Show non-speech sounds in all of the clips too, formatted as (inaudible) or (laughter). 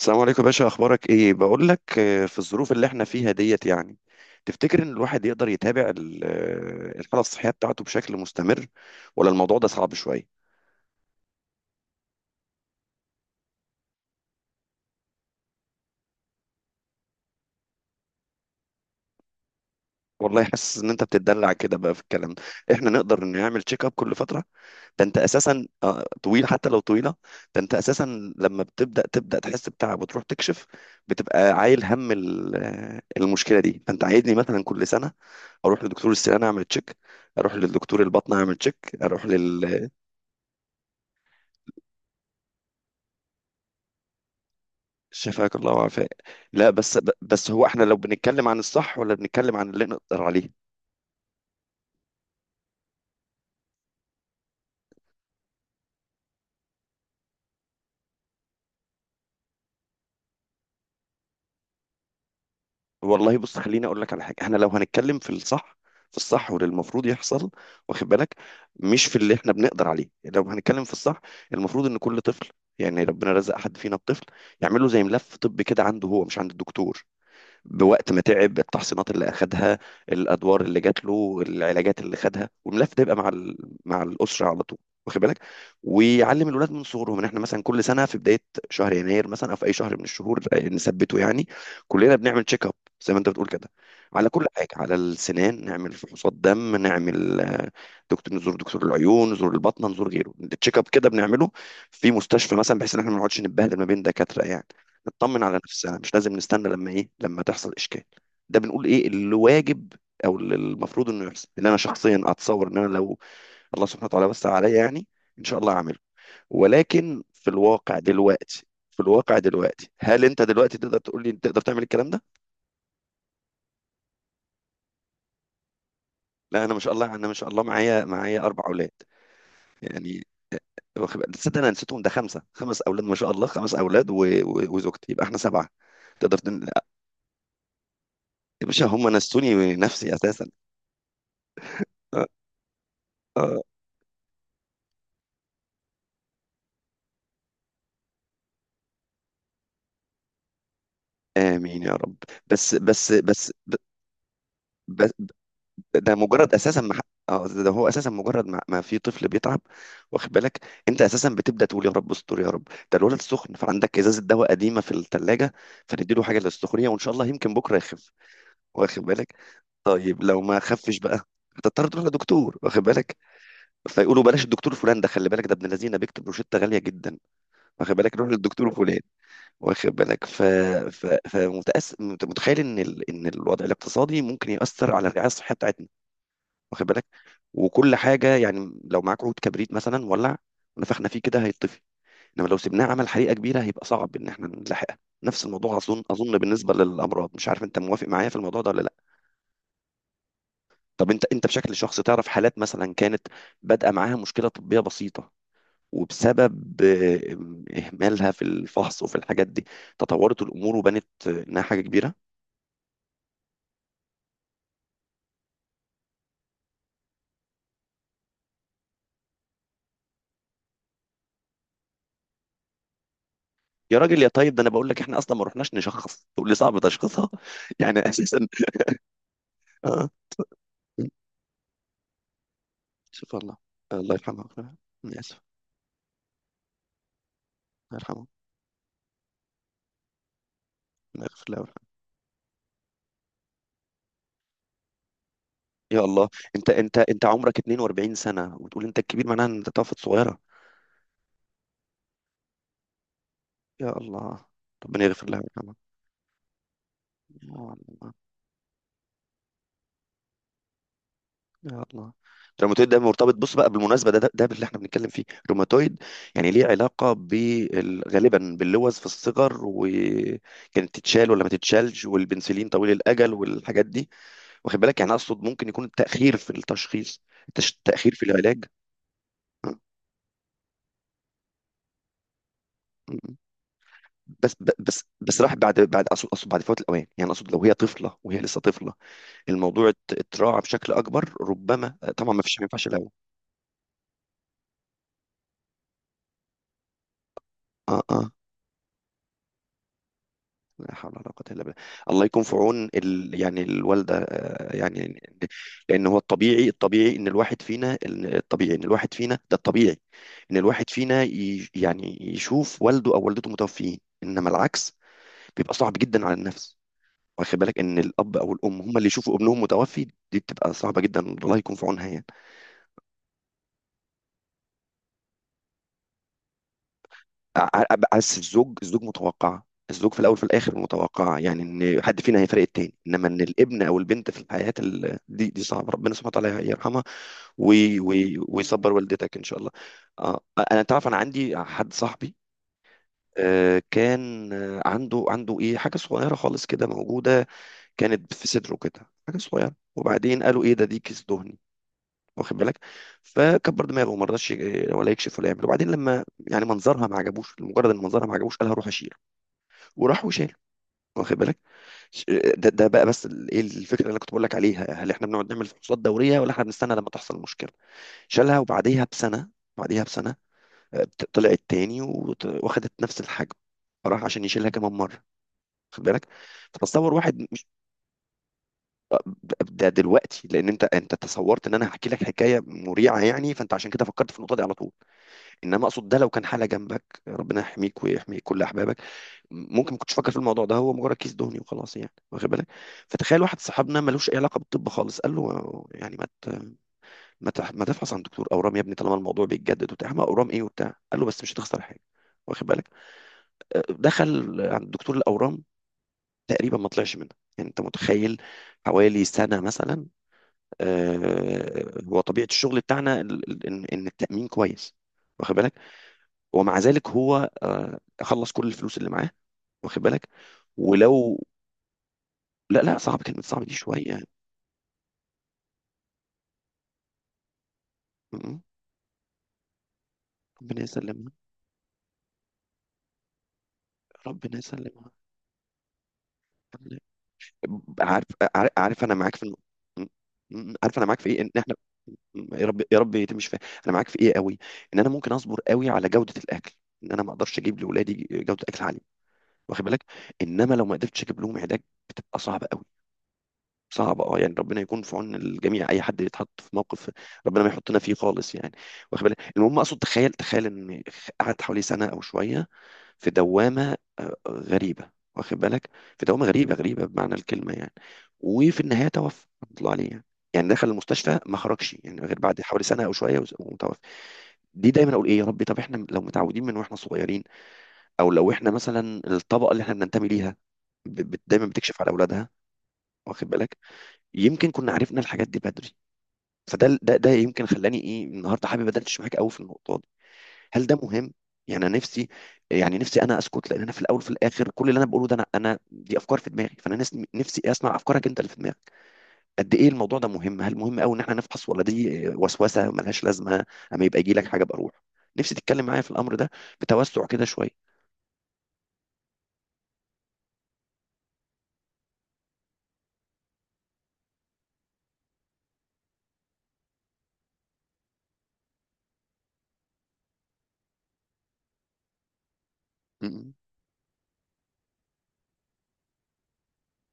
السلام عليكم يا باشا، اخبارك ايه؟ بقول لك، في الظروف اللي احنا فيها ديت يعني، تفتكر ان الواحد يقدر يتابع الحاله الصحيه بتاعته بشكل مستمر، ولا الموضوع ده صعب شويه؟ والله حاسس ان انت بتتدلع كده بقى في الكلام ده. احنا نقدر نعمل تشيك اب كل فتره؟ ده انت اساسا طويل حتى لو طويله. ده انت اساسا لما تبدا تحس بتعب وتروح تكشف، بتبقى عايل هم المشكله دي. فانت عايزني مثلا كل سنه اروح لدكتور السنان اعمل تشيك، اروح للدكتور البطن اعمل تشيك، اروح لل شفاك الله وعافاك. لا، بس هو احنا لو بنتكلم عن الصح ولا بنتكلم عن اللي نقدر عليه؟ والله بص، خليني اقول لك على حاجه، احنا لو هنتكلم في الصح، في الصح واللي المفروض يحصل، واخد بالك، مش في اللي احنا بنقدر عليه. لو هنتكلم في الصح، المفروض ان كل طفل، يعني ربنا رزق حد فينا بطفل، يعمل له زي ملف طبي كده عنده هو مش عند الدكتور. بوقت ما تعب، التحصينات اللي اخدها، الادوار اللي جات له، العلاجات اللي خدها، والملف ده يبقى مع الاسره على طول، واخد بالك. ويعلم الولاد من صغرهم ان احنا مثلا كل سنه في بدايه شهر يناير مثلا او في اي شهر من الشهور، نثبته يعني كلنا بنعمل تشيك اب، زي ما انت بتقول كده، على كل حاجه، على السنان، نعمل فحوصات دم، نعمل دكتور، نزور دكتور العيون، نزور البطنه، نزور غيره. التشيك اب كده بنعمله في مستشفى مثلا، بحيث ان احنا ما نقعدش نتبهدل ما بين دكاتره يعني، تطمن على نفسها، مش لازم نستنى لما ايه، لما تحصل اشكال. ده بنقول ايه اللي واجب او اللي المفروض انه يحصل. اللي انا شخصيا اتصور ان انا لو الله سبحانه وتعالى وسع عليا يعني، ان شاء الله هعمله. ولكن في الواقع دلوقتي، في الواقع دلوقتي، هل انت دلوقتي تقدر تقول لي تقدر تعمل الكلام ده؟ لا، انا ما شاء الله، انا ما شاء الله معايا اربع اولاد يعني، واخد بالك؟ تصدق انا نسيتهم؟ ده خمسه، خمس اولاد ما شاء الله، خمس اولاد وزوجتي، يبقى احنا سبعه. تقدر تن... يا باشا هم نسوني نفسي اساسا. آه، آه. امين يا رب. بس بس بس ب- بس ده مجرد اساسا ما ح- اه، ده هو اساسا مجرد ما في طفل بيتعب، واخد بالك، انت اساسا بتبدا تقول يا رب استر يا رب. ده الولد سخن، فعندك ازازه دواء قديمه في الثلاجه، فنديله حاجه للسخونيه وان شاء الله يمكن بكره يخف، واخد بالك. طيب لو ما خفش بقى، هتضطر تروح لدكتور، واخد بالك. فيقولوا بلاش الدكتور فلان ده، خلي بالك ده ابن الذين بيكتب روشته غاليه جدا، واخد بالك، روح للدكتور فلان، واخد بالك. متخيل ان الوضع الاقتصادي ممكن يأثر على الرعاية الصحية بتاعتنا، واخد بالك، وكل حاجة. يعني لو معاك عود كبريت مثلا ولع، ونفخنا فيه كده هيطفي، انما لو سيبناه عمل حريقة كبيرة هيبقى صعب ان احنا نلحقها. نفس الموضوع اظن بالنسبة للأمراض، مش عارف انت موافق معايا في الموضوع ده ولا لا؟ طب انت بشكل شخصي تعرف حالات مثلا كانت بادئة معاها مشكلة طبية بسيطة، وبسبب إهمالها في الفحص وفي الحاجات دي تطورت الأمور وبانت إنها حاجة كبيرة؟ يا راجل يا طيب، ده انا بقول لك احنا اصلا ما رحناش نشخص، تقول لي صعب تشخيصها (laughs) يعني اساسا. آه. شوف الله، الله يرحمه. أنا اسف. الله يرحمه. الله يغفر له ويرحمه. يا الله، انت عمرك 42 سنه وتقول انت الكبير، معناها ان انت توفت صغيره. يا الله. ربنا يغفر لها ويرحمها. يا الله. يا الله، ده الروماتويد ده مرتبط، بص بقى بالمناسبه، ده اللي احنا بنتكلم فيه الروماتويد، يعني ليه علاقه غالبا باللوز في الصغر، وكانت تتشال ولا ما تتشالش، والبنسلين طويل الاجل والحاجات دي، واخد بالك. يعني اقصد ممكن يكون التاخير في التشخيص، التاخير في العلاج. آه. بس ب- بس بس راح بعد اقصد بعد فوات الاوان يعني. اقصد لو هي طفله، وهي لسه طفله، الموضوع اتراعى بشكل اكبر ربما. طبعا ما فيش، ما ينفعش الاول. اه، اه. لا حول ولا قوة إلا بالله. الله يكون في عون يعني الوالدة يعني. لأن هو الطبيعي، الطبيعي إن الواحد فينا، الطبيعي إن الواحد فينا، ده الطبيعي إن الواحد فينا يعني يشوف والده أو والدته متوفيين، إنما العكس بيبقى صعب جدا على النفس، واخد بالك، إن الأب أو الأم هم اللي يشوفوا ابنهم متوفي. دي بتبقى صعبة جدا، الله يكون في عونها يعني. ع- بس الزوج متوقعة، الزوج في الأول في الآخر متوقعة يعني، إن حد فينا هيفرق التاني، إنما إن الابن أو البنت في الحياة، دي صعبة. ربنا سبحانه وتعالى يرحمها. وي وي ويصبر والدتك إن شاء الله. آه. أنا تعرف، أنا عندي حد صاحبي، كان عنده ايه حاجه صغيره خالص كده موجوده، كانت في صدره كده حاجه صغيره، وبعدين قالوا ايه ده، دي كيس دهني، واخد بالك. فكبر دماغه وما رضاش ولا يكشف ولا يعمل، وبعدين لما يعني منظرها ما عجبوش، مجرد ان منظرها ما عجبوش، قالها روح اشيل، وراحوا شالوا، واخد بالك. ده بقى بس ايه الفكره اللي انا كنت بقول لك عليها، هل احنا بنقعد نعمل فحوصات دوريه ولا احنا بنستنى لما تحصل مشكله؟ شالها وبعديها بسنه، بعديها بسنه طلعت تاني، واخدت نفس الحجم، راح عشان يشيلها كمان مره، واخد بالك. فتصور واحد مش، ده دلوقتي لان انت تصورت ان انا هحكي لك حكايه مريعه يعني، فانت عشان كده فكرت في النقطه دي على طول. انما اقصد ده لو كان حاله جنبك، ربنا يحميك ويحمي كل احبابك، ممكن ما كنتش فاكر في الموضوع ده، هو مجرد كيس دهني وخلاص يعني، واخد بالك. فتخيل واحد صاحبنا ملوش اي علاقه بالطب خالص، قال له يعني ما ت... ما, تح... ما تفحص عن دكتور اورام يا ابني، طالما الموضوع بيتجدد وبتاع، ما اورام ايه وبتاع، قال له بس مش هتخسر حاجه، واخد بالك. دخل عند دكتور الاورام، تقريبا ما طلعش منها، يعني انت متخيل، حوالي سنه مثلا. هو طبيعه الشغل بتاعنا ال- ال- ان إن التامين كويس، واخد بالك. ومع ذلك هو خلص كل الفلوس اللي معاه، واخد بالك. ولو، لا لا، صعب، كلمة صعب دي شوية. م- ربنا يسلمها. ربنا يسلمها. عارف عارف عارف، انا معاك في النقطة. م- عارف انا معاك في ايه، ان احنا، يا رب يا رب تمشي فيها. انا معاك في ايه قوي، ان انا ممكن اصبر قوي على جودة الاكل، ان انا ما اقدرش اجيب لاولادي جودة اكل عالية، واخد بالك. انما لو ما قدرتش اجيب لهم علاج، بتبقى صعبة قوي. صعبة اه، يعني ربنا يكون في عون الجميع، اي حد يتحط في موقف، ربنا ما يحطنا فيه خالص يعني، واخد بالك. المهم اقصد تخيل ان قعدت حوالي سنة او شوية في دوامة غريبة، واخد بالك، في دوامة غريبة غريبة بمعنى الكلمة يعني، وفي النهاية توفى رحمة الله عليه يعني. يعني دخل المستشفى ما خرجش يعني غير بعد حوالي سنة أو شوية، ومتوفى. دي دايما اقول ايه يا ربي، طب احنا لو متعودين من واحنا صغيرين، او لو احنا مثلا الطبقه اللي احنا بننتمي ليها دايما بتكشف على اولادها، واخد بالك، يمكن كنا عرفنا الحاجات دي بدري. فده ده ده يمكن خلاني ايه النهارده حابب ادردش معاك قوي في النقطه، هل ده مهم؟ يعني انا نفسي، يعني نفسي انا اسكت، لان انا في الاول وفي الاخر كل اللي انا بقوله ده، انا دي افكار في دماغي. فانا نفسي اسمع افكارك انت اللي في دماغك. قد ايه الموضوع ده مهم؟ هل مهم قوي ان احنا نفحص، ولا دي وسوسه ملهاش لازمه، اما يبقى يجي لك حاجه بروح؟ نفسي تتكلم معايا في الامر ده، بتوسع كده شويه. م- م.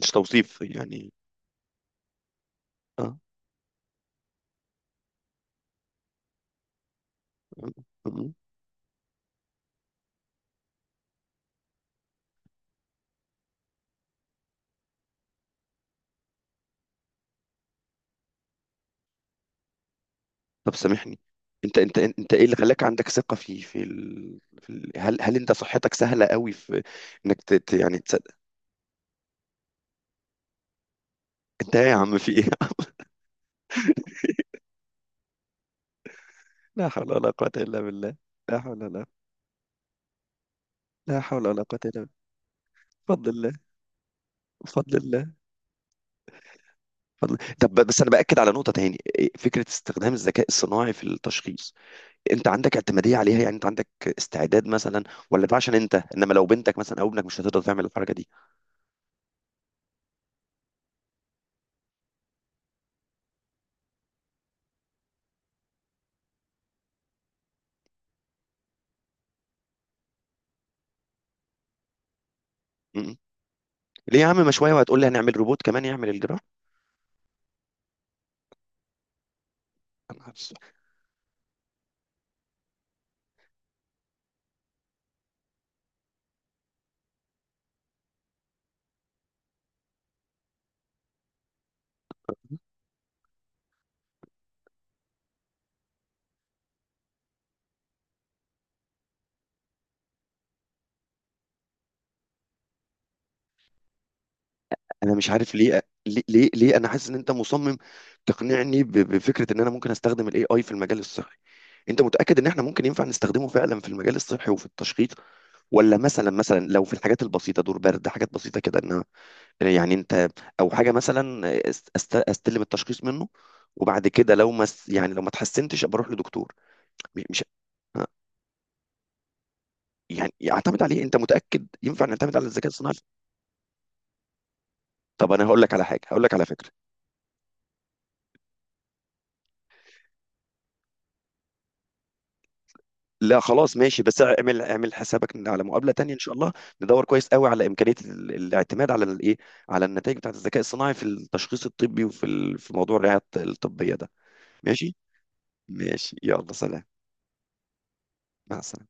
مش توصيف يعني. اه. م- م. طب سامحني، انت ايه اللي خلاك عندك ثقه في في, ال... في ال... هل هل انت صحتك سهله قوي في انك يعني تصدق؟ انت إيه يا عم، في ايه؟ لا حول ولا قوة إلا بالله. لا حول ولا لا حول ولا قوة إلا بالله. بفضل الله. بفضل الله. بفضل، طب بس أنا بأكد على نقطة تاني، فكرة استخدام الذكاء الصناعي في التشخيص، أنت عندك اعتمادية عليها؟ يعني أنت عندك استعداد مثلا، ولا ده عشان أنت، إنما لو بنتك مثلا أو ابنك مش هتقدر تعمل الحركة دي؟ م-م. ليه يا عم، ما شوية وهتقول لي هنعمل روبوت كمان يعمل الجراحة. أنا عارف. انا مش عارف ليه, انا حاسس ان انت مصمم تقنعني بفكره ان انا ممكن استخدم الاي اي في المجال الصحي؟ انت متاكد ان احنا ممكن ينفع نستخدمه فعلا في المجال الصحي وفي التشخيص؟ ولا مثلا لو في الحاجات البسيطه، دور برد، حاجات بسيطه كده، انها يعني انت، او حاجه مثلا استلم التشخيص منه، وبعد كده لو ما س- يعني لو ما اتحسنتش ابقى اروح لدكتور. مش يعني اعتمد عليه. انت متاكد ينفع نعتمد على الذكاء الصناعي؟ طب انا هقول لك على حاجه، هقول لك على فكره. لا خلاص ماشي، بس اعمل، اعمل حسابك ان على مقابله تانية ان شاء الله، ندور كويس قوي على امكانيه الاعتماد على الايه، على النتائج بتاعت الذكاء الصناعي في التشخيص الطبي وفي في موضوع الرعايه الطبيه ده. ماشي. ماشي، يلا سلام. مع السلامه.